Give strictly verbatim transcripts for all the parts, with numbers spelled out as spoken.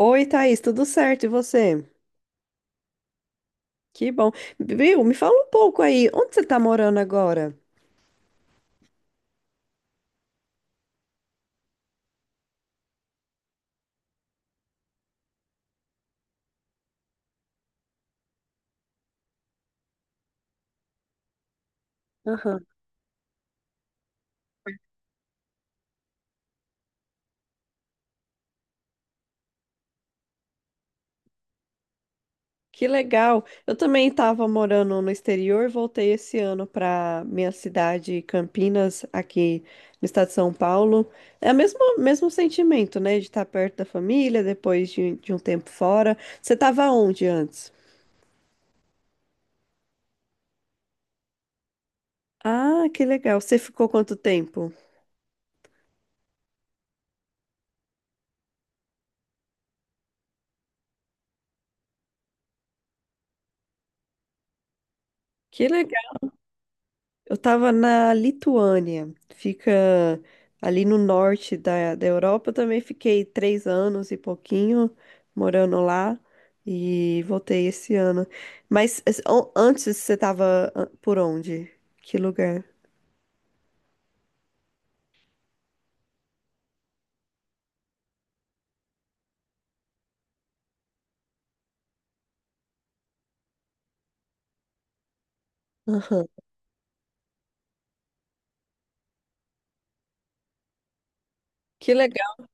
Oi, Thaís, tudo certo? E você? Que bom. Viu? Me fala um pouco aí, onde você tá morando agora? Aham. Que legal. Eu também estava morando no exterior, voltei esse ano para minha cidade, Campinas, aqui no estado de São Paulo. É o mesmo, mesmo sentimento, né? De estar perto da família depois de, de um tempo fora. Você estava onde antes? Ah, que legal. Você ficou quanto tempo? Que legal. Eu estava na Lituânia, fica ali no norte da, da Europa. Eu também fiquei três anos e pouquinho morando lá e voltei esse ano. Mas es- an- antes você estava por onde? Que lugar? Aham. Que legal.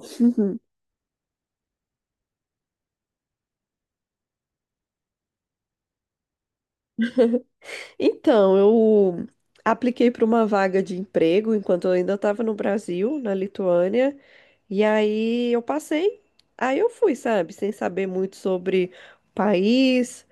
Uhum. Então, eu apliquei para uma vaga de emprego enquanto eu ainda estava no Brasil, na Lituânia. E aí eu passei, aí eu fui, sabe, sem saber muito sobre o país.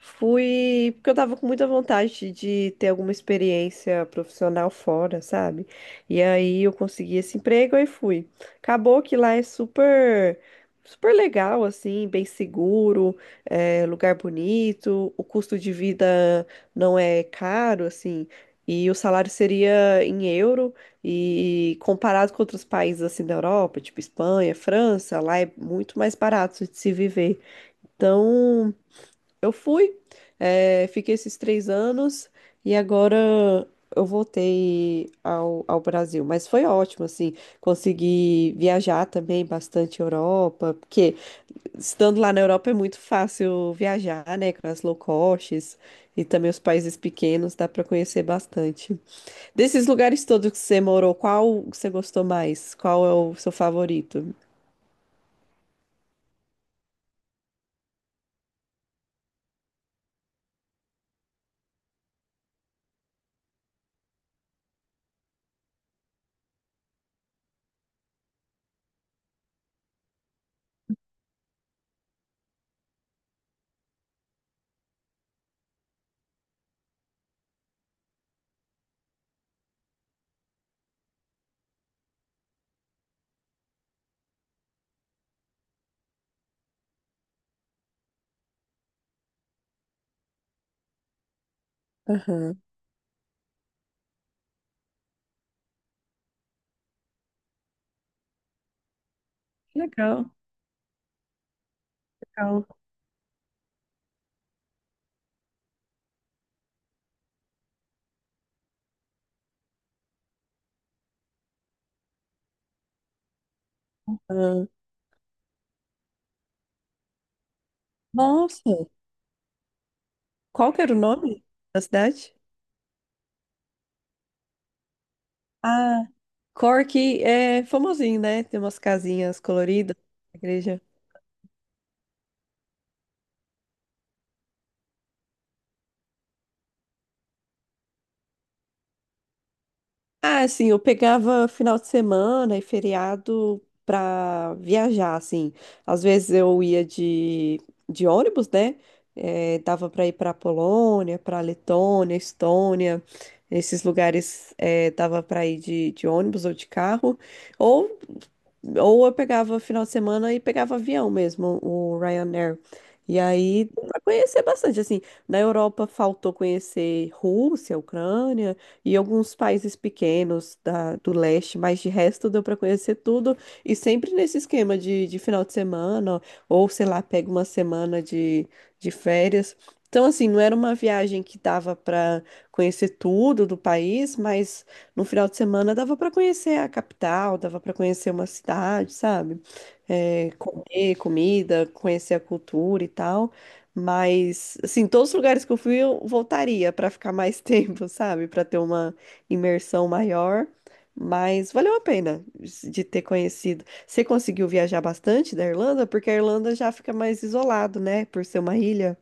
Fui, porque eu tava com muita vontade de ter alguma experiência profissional fora, sabe? E aí eu consegui esse emprego e fui. Acabou que lá é super, super legal, assim, bem seguro, é, lugar bonito, o custo de vida não é caro, assim, e o salário seria em euro. E comparado com outros países assim da Europa, tipo Espanha, França, lá é muito mais barato de se viver. Então, eu fui, eh, fiquei esses três anos e agora eu voltei ao, ao Brasil. Mas foi ótimo, assim, consegui viajar também bastante Europa, porque estando lá na Europa é muito fácil viajar, né, com as low costs e também os países pequenos, dá para conhecer bastante. Desses lugares todos que você morou, qual você gostou mais? Qual é o seu favorito? Aham. Legal, legal. Ah, nossa, qual que era o nome da cidade? Ah, Cork é famosinho, né? Tem umas casinhas coloridas na igreja. Ah, assim, eu pegava final de semana e feriado pra viajar, assim. Às vezes eu ia de, de ônibus, né? Eh, dava pra ir pra Polônia, pra Letônia, Estônia. Esses lugares eh, dava pra ir de, de ônibus ou de carro. Ou ou eu pegava final de semana e pegava avião mesmo, o Ryanair. E aí, deu pra conhecer bastante, assim, na Europa faltou conhecer Rússia, Ucrânia e alguns países pequenos da, do leste, mas de resto deu pra conhecer tudo. E sempre nesse esquema de, de final de semana, ou sei lá, pega uma semana de, de férias. Então, assim, não era uma viagem que dava pra conhecer tudo do país, mas no final de semana dava para conhecer a capital, dava para conhecer uma cidade, sabe? É, comer comida, conhecer a cultura e tal. Mas, assim, todos os lugares que eu fui, eu voltaria para ficar mais tempo, sabe? Para ter uma imersão maior. Mas valeu a pena de ter conhecido. Você conseguiu viajar bastante da Irlanda? Porque a Irlanda já fica mais isolado, né? Por ser uma ilha.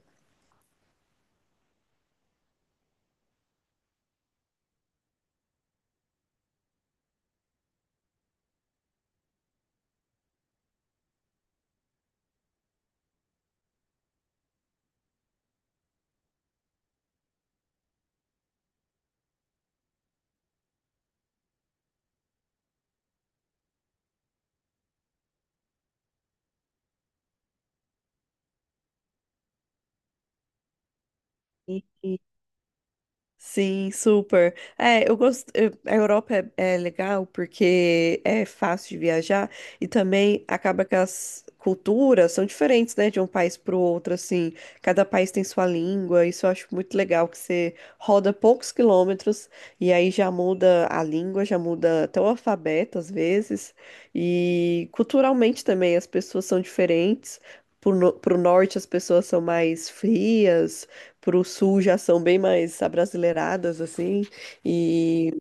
Sim, super. É, eu gosto. eu- A Europa é, é legal porque é fácil de viajar e também acaba que as culturas são diferentes, né, de um país para o outro. Assim, cada país tem sua língua. Isso eu acho muito legal que você roda poucos quilômetros e aí já muda a língua, já muda até o alfabeto às vezes. E culturalmente também as pessoas são diferentes. Pro, no- Pro norte as pessoas são mais frias, pro sul já são bem mais abrasileiradas, assim, e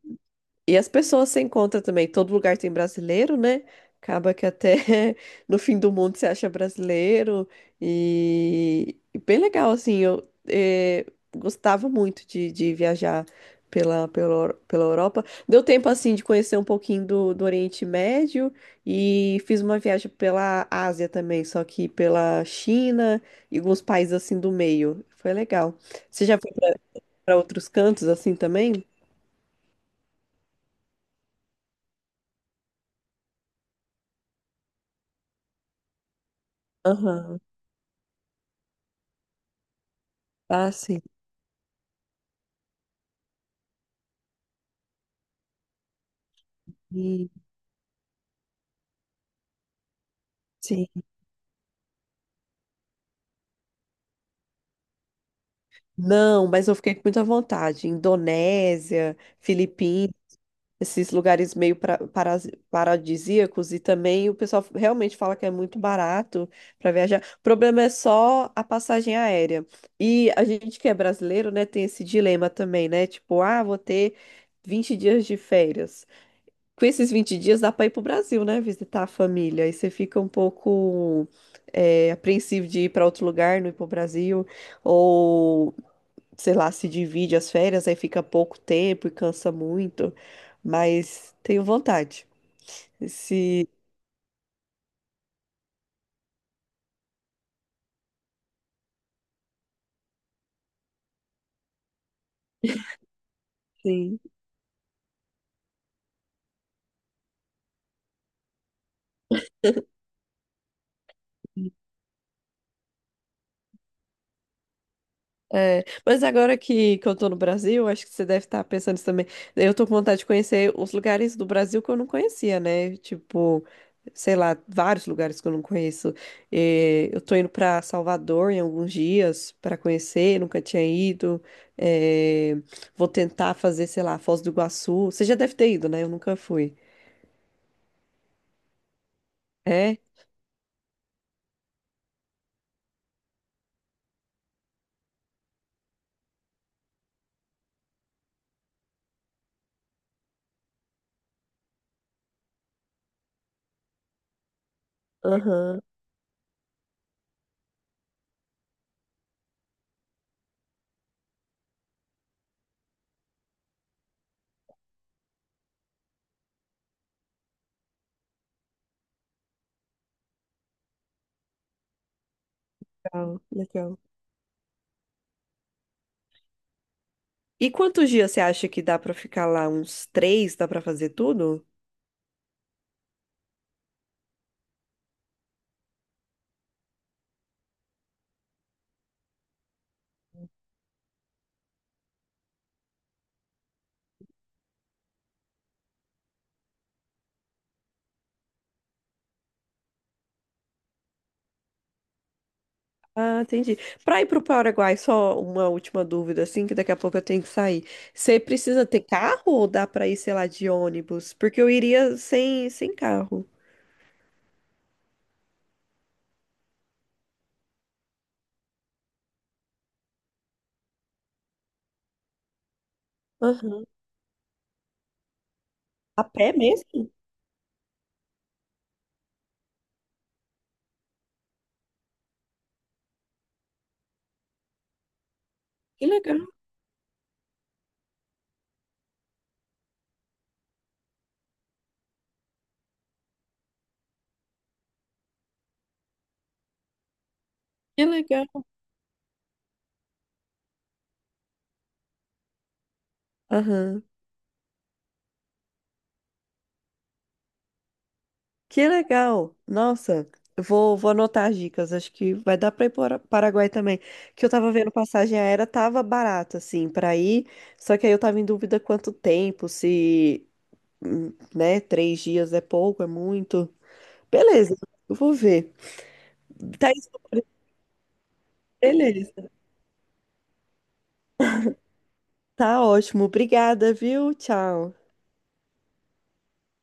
e as pessoas se encontram também. Todo lugar tem brasileiro, né? Acaba que até no fim do mundo se acha brasileiro. E, e bem legal, assim. Eu eh, gostava muito de, de viajar pela, pela, pela Europa. Deu tempo, assim, de conhecer um pouquinho do, do Oriente Médio. E fiz uma viagem pela Ásia também, só que pela China e alguns países, assim, do meio. Foi legal. Você já foi para outros cantos, assim, também? Aham. Ah, sim. E- Sim. Não, mas eu fiquei com muita vontade. Indonésia, Filipinas, esses lugares meio pra- paras- paradisíacos e também o pessoal realmente fala que é muito barato para viajar. O problema é só a passagem aérea. E a gente que é brasileiro, né, tem esse dilema também, né? Tipo, ah, vou ter vinte dias de férias. Com esses vinte dias dá para ir pro Brasil, né? Visitar a família. Aí você fica um pouco é, apreensivo de ir para outro lugar, não ir pro Brasil. Ou, sei lá, se divide as férias, aí fica pouco tempo e cansa muito. Mas tenho vontade. Se, Sim. É, mas agora que, que eu tô no Brasil, acho que você deve estar pensando isso também. Eu tô com vontade de conhecer os lugares do Brasil que eu não conhecia, né? Tipo, sei lá, vários lugares que eu não conheço. É, eu tô indo pra Salvador em alguns dias pra conhecer, nunca tinha ido. É, vou tentar fazer, sei lá, Foz do Iguaçu. Você já deve ter ido, né? Eu nunca fui. É? Aham, legal, legal. E quantos dias você acha que dá pra ficar lá? Uns três? Dá pra fazer tudo? Ah, entendi. Para ir para o Paraguai, só uma última dúvida, assim, que daqui a pouco eu tenho que sair. Você precisa ter carro ou dá para ir, sei lá, de ônibus? Porque eu iria sem, sem carro. Aham. A pé mesmo? Que legal, que legal. Aham. Que legal. Nossa, eu vou, vou anotar as dicas. Acho que vai dar para ir para Paraguai também. Que eu tava vendo passagem aérea, tava barata assim, para ir. Só que aí eu tava em dúvida quanto tempo, se, hum, né, três dias é pouco, é muito. Beleza, eu vou ver. Tá, beleza. Tá ótimo. Obrigada, viu? Tchau.